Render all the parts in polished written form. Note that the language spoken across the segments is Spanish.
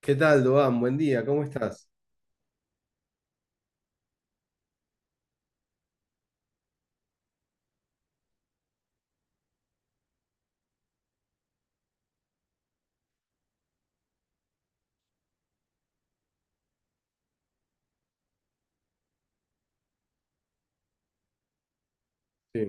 ¿Qué tal, Doan? Buen día, ¿cómo estás? Sí.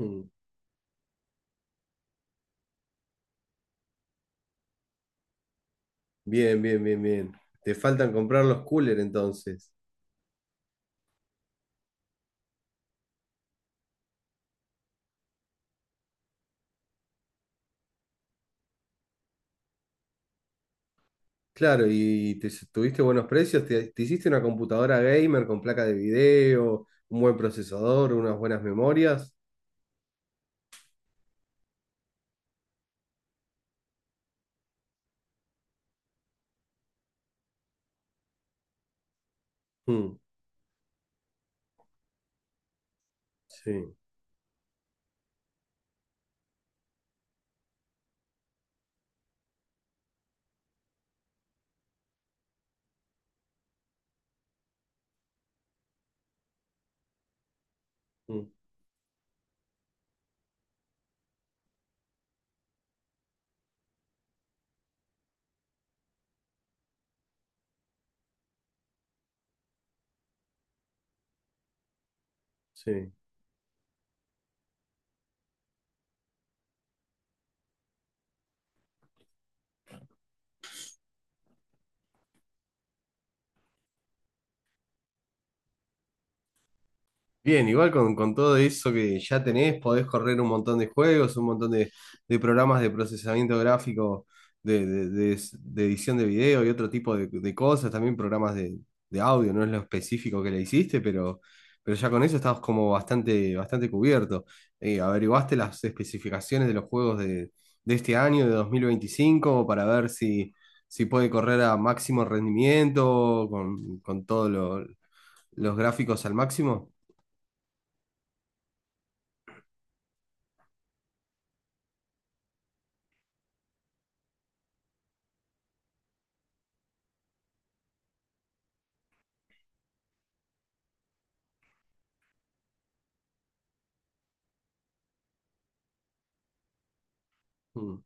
Mm. Bien, bien, bien, bien. Te faltan comprar los coolers entonces. Claro, tuviste buenos precios, te hiciste una computadora gamer con placa de video, un buen procesador, unas buenas memorias. Mm. Sí, mm, sí. Bien, igual con todo eso que ya tenés, podés correr un montón de juegos, un montón de programas de procesamiento gráfico, de, de- de de edición de video y otro tipo de cosas, también programas de audio, no es lo específico que le hiciste, pero ya con eso estabas como bastante, bastante cubierto. ¿Averiguaste las especificaciones de los juegos de este año, de 2025, para ver si puede correr a máximo rendimiento, con todos los gráficos al máximo? Mm.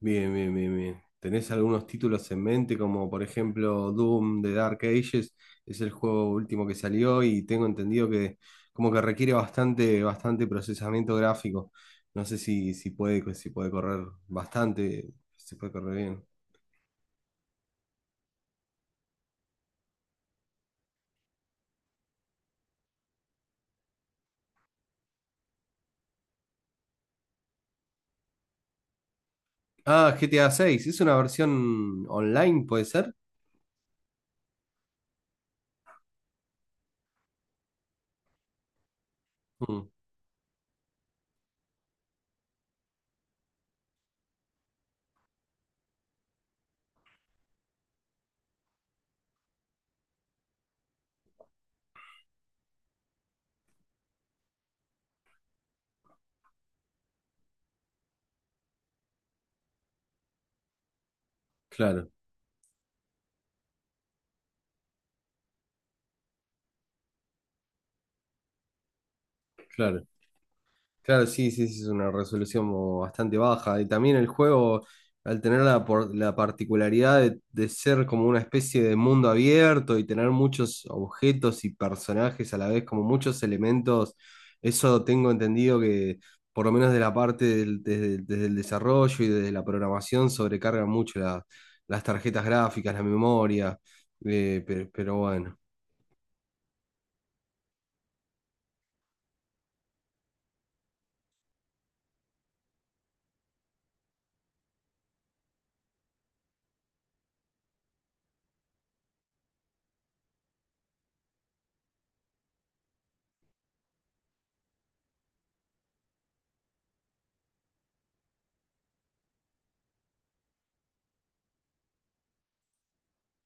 Bien, bien, bien, bien. ¿Tenés algunos títulos en mente, como por ejemplo Doom de Dark Ages? Es el juego último que salió y tengo entendido que como que requiere bastante, bastante procesamiento gráfico. No sé si puede correr bastante, si puede correr bien. Ah, GTA seis, ¿es una versión online, puede ser? Mm, claro, claro. Claro, sí, sí, sí, es una resolución bastante baja. Y también el juego, al tener la particularidad de ser como una especie de mundo abierto y tener muchos objetos y personajes a la vez, como muchos elementos, eso tengo entendido que, por lo menos de la parte desde el desarrollo y desde la programación, sobrecargan mucho las tarjetas gráficas, la memoria, pero bueno.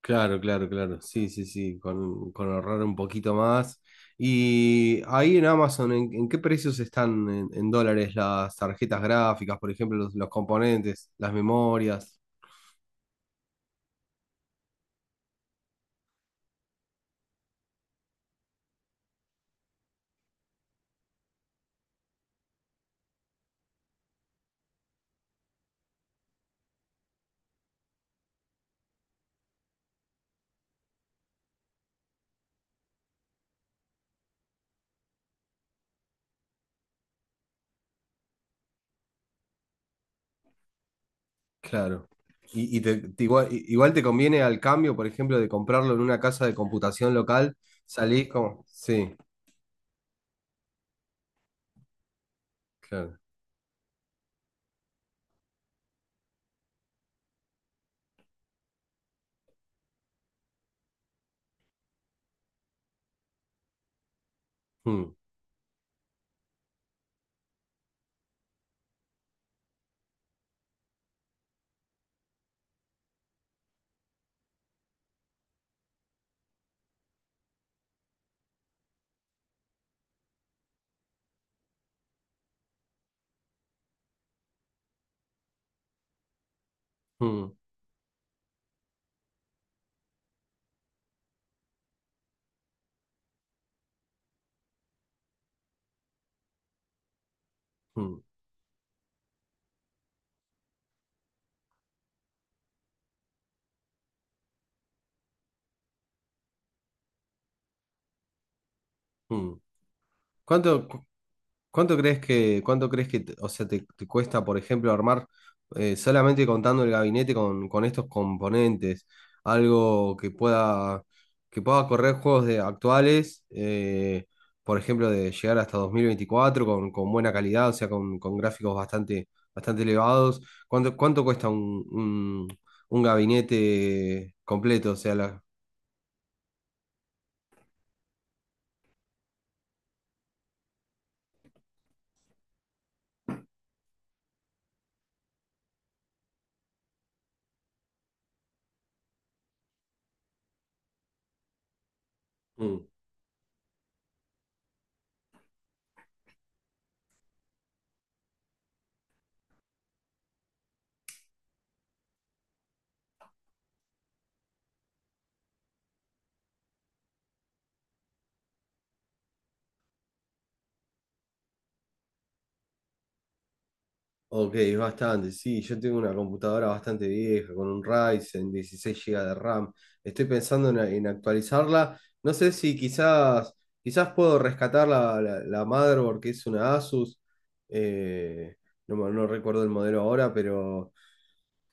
Claro, claro, claro. Sí, sí, sí, con ahorrar un poquito más. Y ahí en Amazon, ¿en qué precios están en dólares las tarjetas gráficas, por ejemplo, los componentes, las memorias? Claro. Y te igual, igual te conviene al cambio, por ejemplo, de comprarlo en una casa de computación local, salís como. Sí, claro. Mm, mm, mm, mm. ¿Cuánto? ¿ O sea, te cuesta, por ejemplo, armar solamente contando el gabinete con estos componentes? Algo que pueda correr juegos de actuales, por ejemplo, de llegar hasta 2024 con buena calidad, o sea, con gráficos bastante, bastante elevados. ¿Cuánto cuesta un gabinete completo? O sea, la. Mm. Ok, es bastante, sí, yo tengo una computadora bastante vieja con un Ryzen, 16 GB de RAM. Estoy pensando en actualizarla. No sé si quizás puedo rescatar la motherboard que es una Asus. eh, no, no recuerdo el modelo ahora, pero,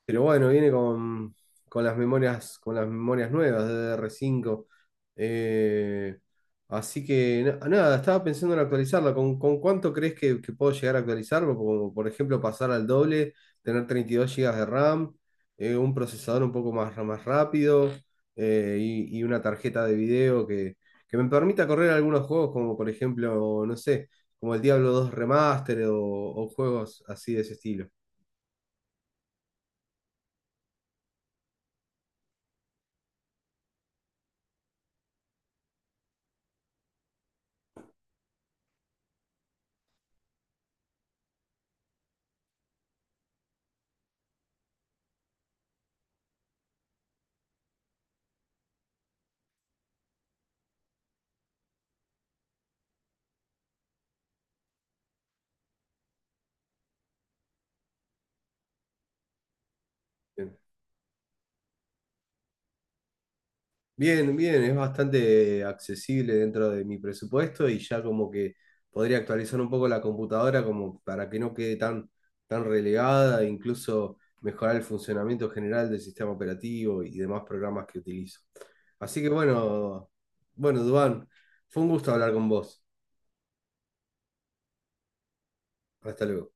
pero bueno, viene con las memorias nuevas de DDR5. Así que nada, estaba pensando en actualizarla. ¿Con cuánto crees que puedo llegar a actualizarlo? Como por ejemplo pasar al doble, tener 32 gigas de RAM, un procesador un poco más rápido, y una tarjeta de video que me permita correr algunos juegos como por ejemplo, no sé, como el Diablo 2 Remaster o juegos así de ese estilo. Bien, bien, es bastante accesible dentro de mi presupuesto y ya como que podría actualizar un poco la computadora como para que no quede tan, tan relegada, incluso mejorar el funcionamiento general del sistema operativo y demás programas que utilizo. Así que bueno, bueno, Duván, fue un gusto hablar con vos. Hasta luego.